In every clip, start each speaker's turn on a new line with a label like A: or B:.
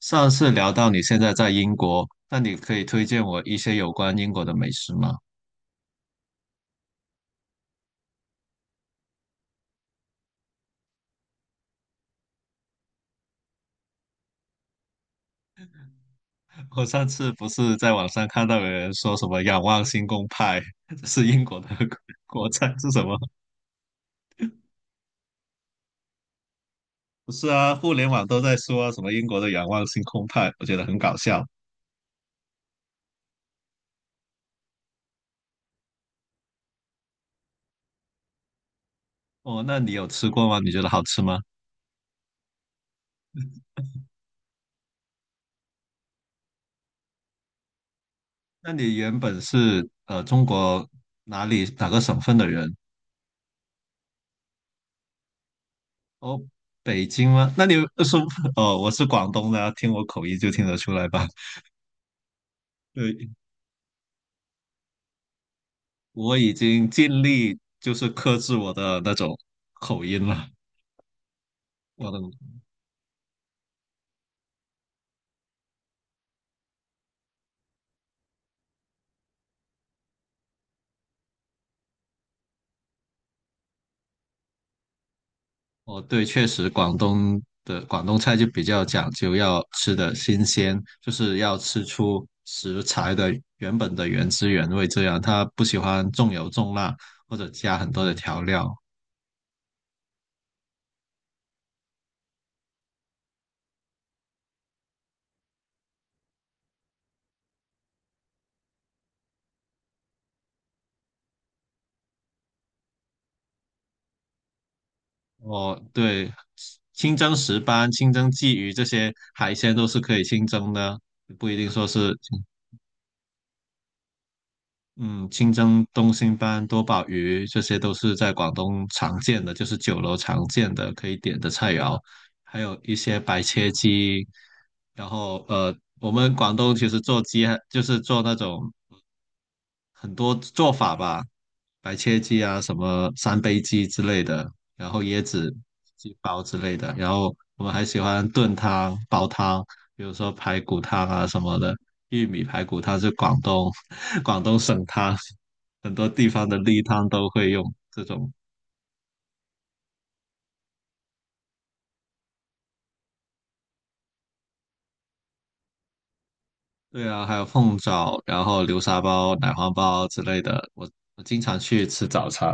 A: 上次聊到你现在在英国，那你可以推荐我一些有关英国的美食吗？我上次不是在网上看到有人说什么仰望星空派，这是英国的 国菜是什么？不是啊，互联网都在说啊什么英国的仰望星空派，我觉得很搞笑。哦，那你有吃过吗？你觉得好吃吗？那你原本是中国哪里哪个省份的人？哦，北京吗？那你说 哦，我是广东的啊，听我口音就听得出来吧。对，我已经尽力就是克制我的那种口音了。我的，哦，对，确实广东的广东菜就比较讲究要吃的新鲜，就是要吃出食材的原本的原汁原味，这样他不喜欢重油重辣或者加很多的调料。哦，对，清蒸石斑、清蒸鲫鱼这些海鲜都是可以清蒸的，不一定说是。嗯，清蒸东星斑、多宝鱼，这些都是在广东常见的，就是酒楼常见的可以点的菜肴，还有一些白切鸡。然后我们广东其实做鸡还就是做那种很多做法吧，白切鸡啊，什么三杯鸡之类的，然后椰子鸡煲之类的，然后我们还喜欢炖汤、煲汤，比如说排骨汤啊什么的。玉米排骨汤是广东 广东省汤，很多地方的例汤都会用这种。对啊，还有凤爪，然后流沙包、奶黄包之类的，我经常去吃早餐。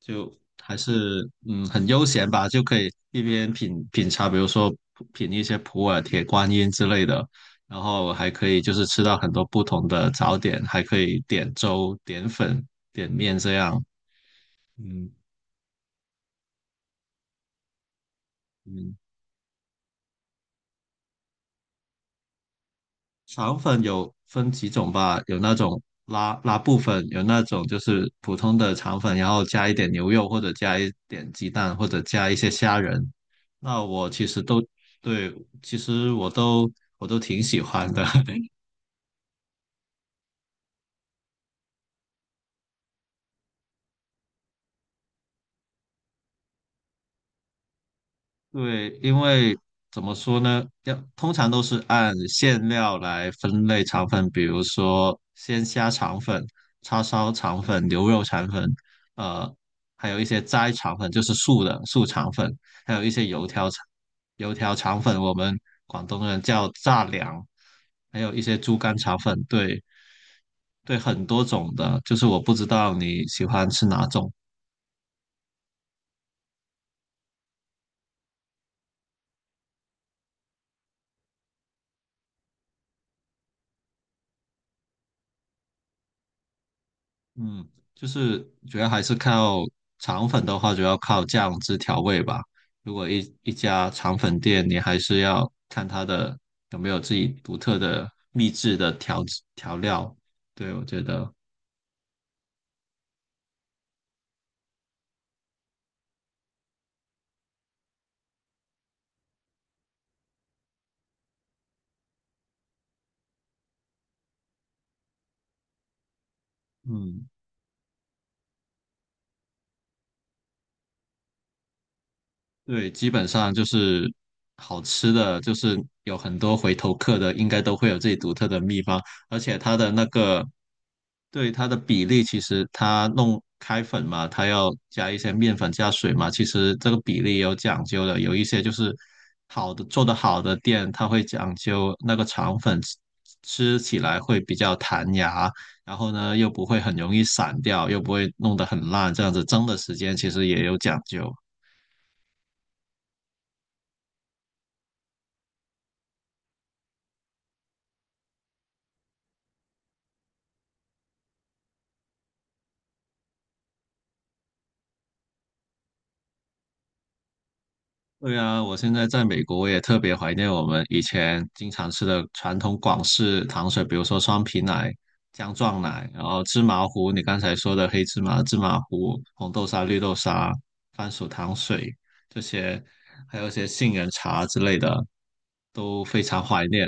A: 就还是嗯很悠闲吧，就可以一边品品茶，比如说品一些普洱、铁观音之类的，然后还可以就是吃到很多不同的早点，还可以点粥、点粉、点面这样。嗯嗯，肠粉有分几种吧，有那种拉拉布粉，有那种就是普通的肠粉，然后加一点牛肉或者加一点鸡蛋或者加一些虾仁。那我其实都对，其实我都我都挺喜欢的，对，因为怎么说呢？要通常都是按馅料来分类肠粉，比如说鲜虾肠粉、叉烧肠粉、牛肉肠粉，呃，还有一些斋肠粉，就是素的素肠粉，还有一些油条肠粉，我们广东人叫炸粮，还有一些猪肝肠粉，对，很多种的，就是我不知道你喜欢吃哪种。嗯，就是主要还是靠肠粉的话，主要靠酱汁调味吧。如果一家肠粉店，你还是要看它的有没有自己独特的秘制的调制调料。对，我觉得，嗯，对，基本上就是好吃的，就是有很多回头客的，应该都会有自己独特的秘方，而且它的那个对它的比例，其实它弄开粉嘛，它要加一些面粉、加水嘛，其实这个比例也有讲究的。有一些就是好的做的好的店，它会讲究那个肠粉吃起来会比较弹牙，然后呢又不会很容易散掉，又不会弄得很烂，这样子蒸的时间其实也有讲究。对啊，我现在在美国，我也特别怀念我们以前经常吃的传统广式糖水，比如说双皮奶、姜撞奶，然后芝麻糊，你刚才说的黑芝麻芝麻糊、红豆沙、绿豆沙、番薯糖水这些，还有一些杏仁茶之类的，都非常怀念。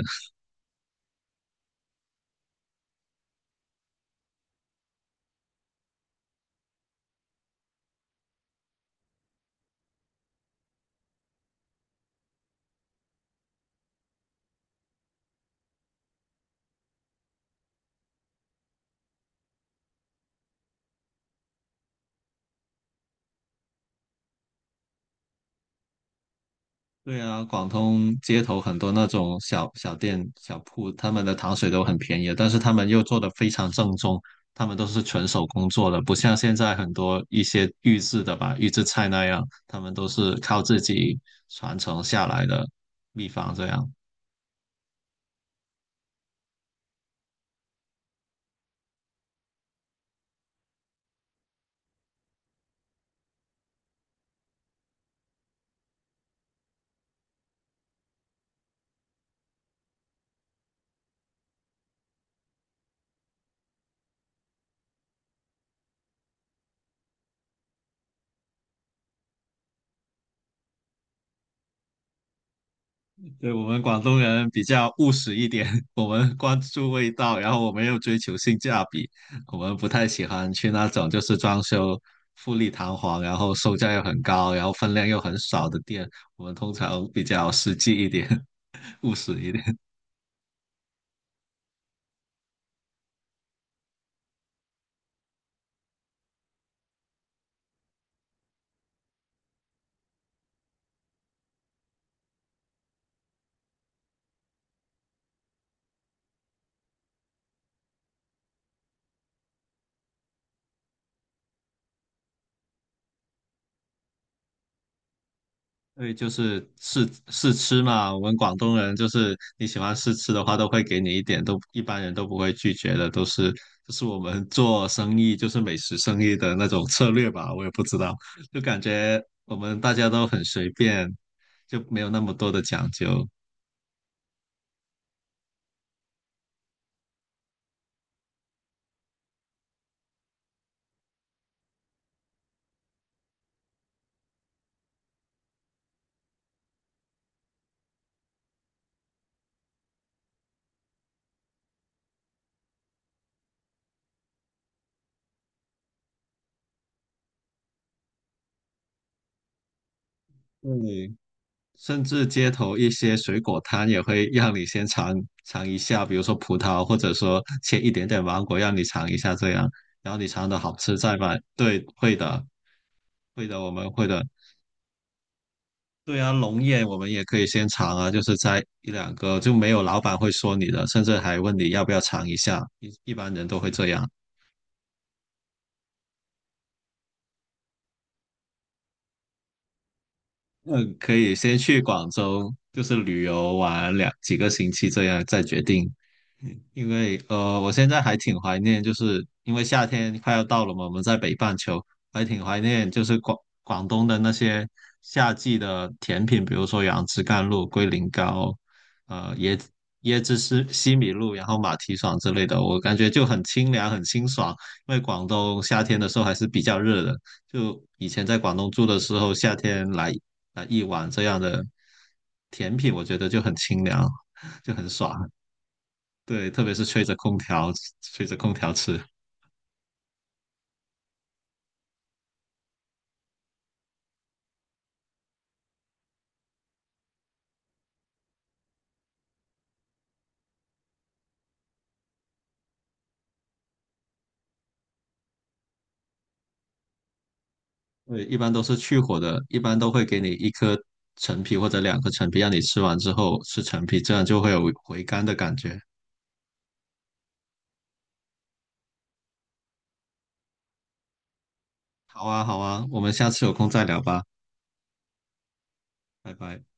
A: 对啊，广东街头很多那种小小店、小铺，他们的糖水都很便宜，但是他们又做的非常正宗，他们都是纯手工做的，不像现在很多一些预制的吧，预制菜那样，他们都是靠自己传承下来的秘方这样。对，我们广东人比较务实一点，我们关注味道，然后我们又追求性价比，我们不太喜欢去那种就是装修富丽堂皇，然后售价又很高，然后分量又很少的店，我们通常比较实际一点，务实一点。对，就是试试吃嘛。我们广东人就是你喜欢试吃的话，都会给你一点，都一般人都不会拒绝的，都是就是我们做生意，就是美食生意的那种策略吧。我也不知道，就感觉我们大家都很随便，就没有那么多的讲究。对，甚至街头一些水果摊也会让你先尝一下，比如说葡萄，或者说切一点点芒果让你尝一下这样，然后你尝的好吃再买。对，会的。会的，我们会的。对啊，龙宴我们也可以先尝啊，就是摘一两个，就没有老板会说你的，甚至还问你要不要尝一下。一般人都会这样。嗯，可以先去广州，就是旅游玩两几个星期，这样再决定。因为我现在还挺怀念，就是因为夏天快要到了嘛，我们在北半球还挺怀念，就是广东的那些夏季的甜品，比如说杨枝甘露、龟苓膏，呃，椰椰汁西西米露，然后马蹄爽之类的，我感觉就很清凉、很清爽。因为广东夏天的时候还是比较热的，就以前在广东住的时候，夏天来一碗这样的甜品，我觉得就很清凉，就很爽。对，特别是吹着空调，吹着空调吃。对，一般都是去火的，一般都会给你一颗陈皮或者两颗陈皮，让你吃完之后吃陈皮，这样就会有回甘的感觉。好啊，好啊，我们下次有空再聊吧，拜拜。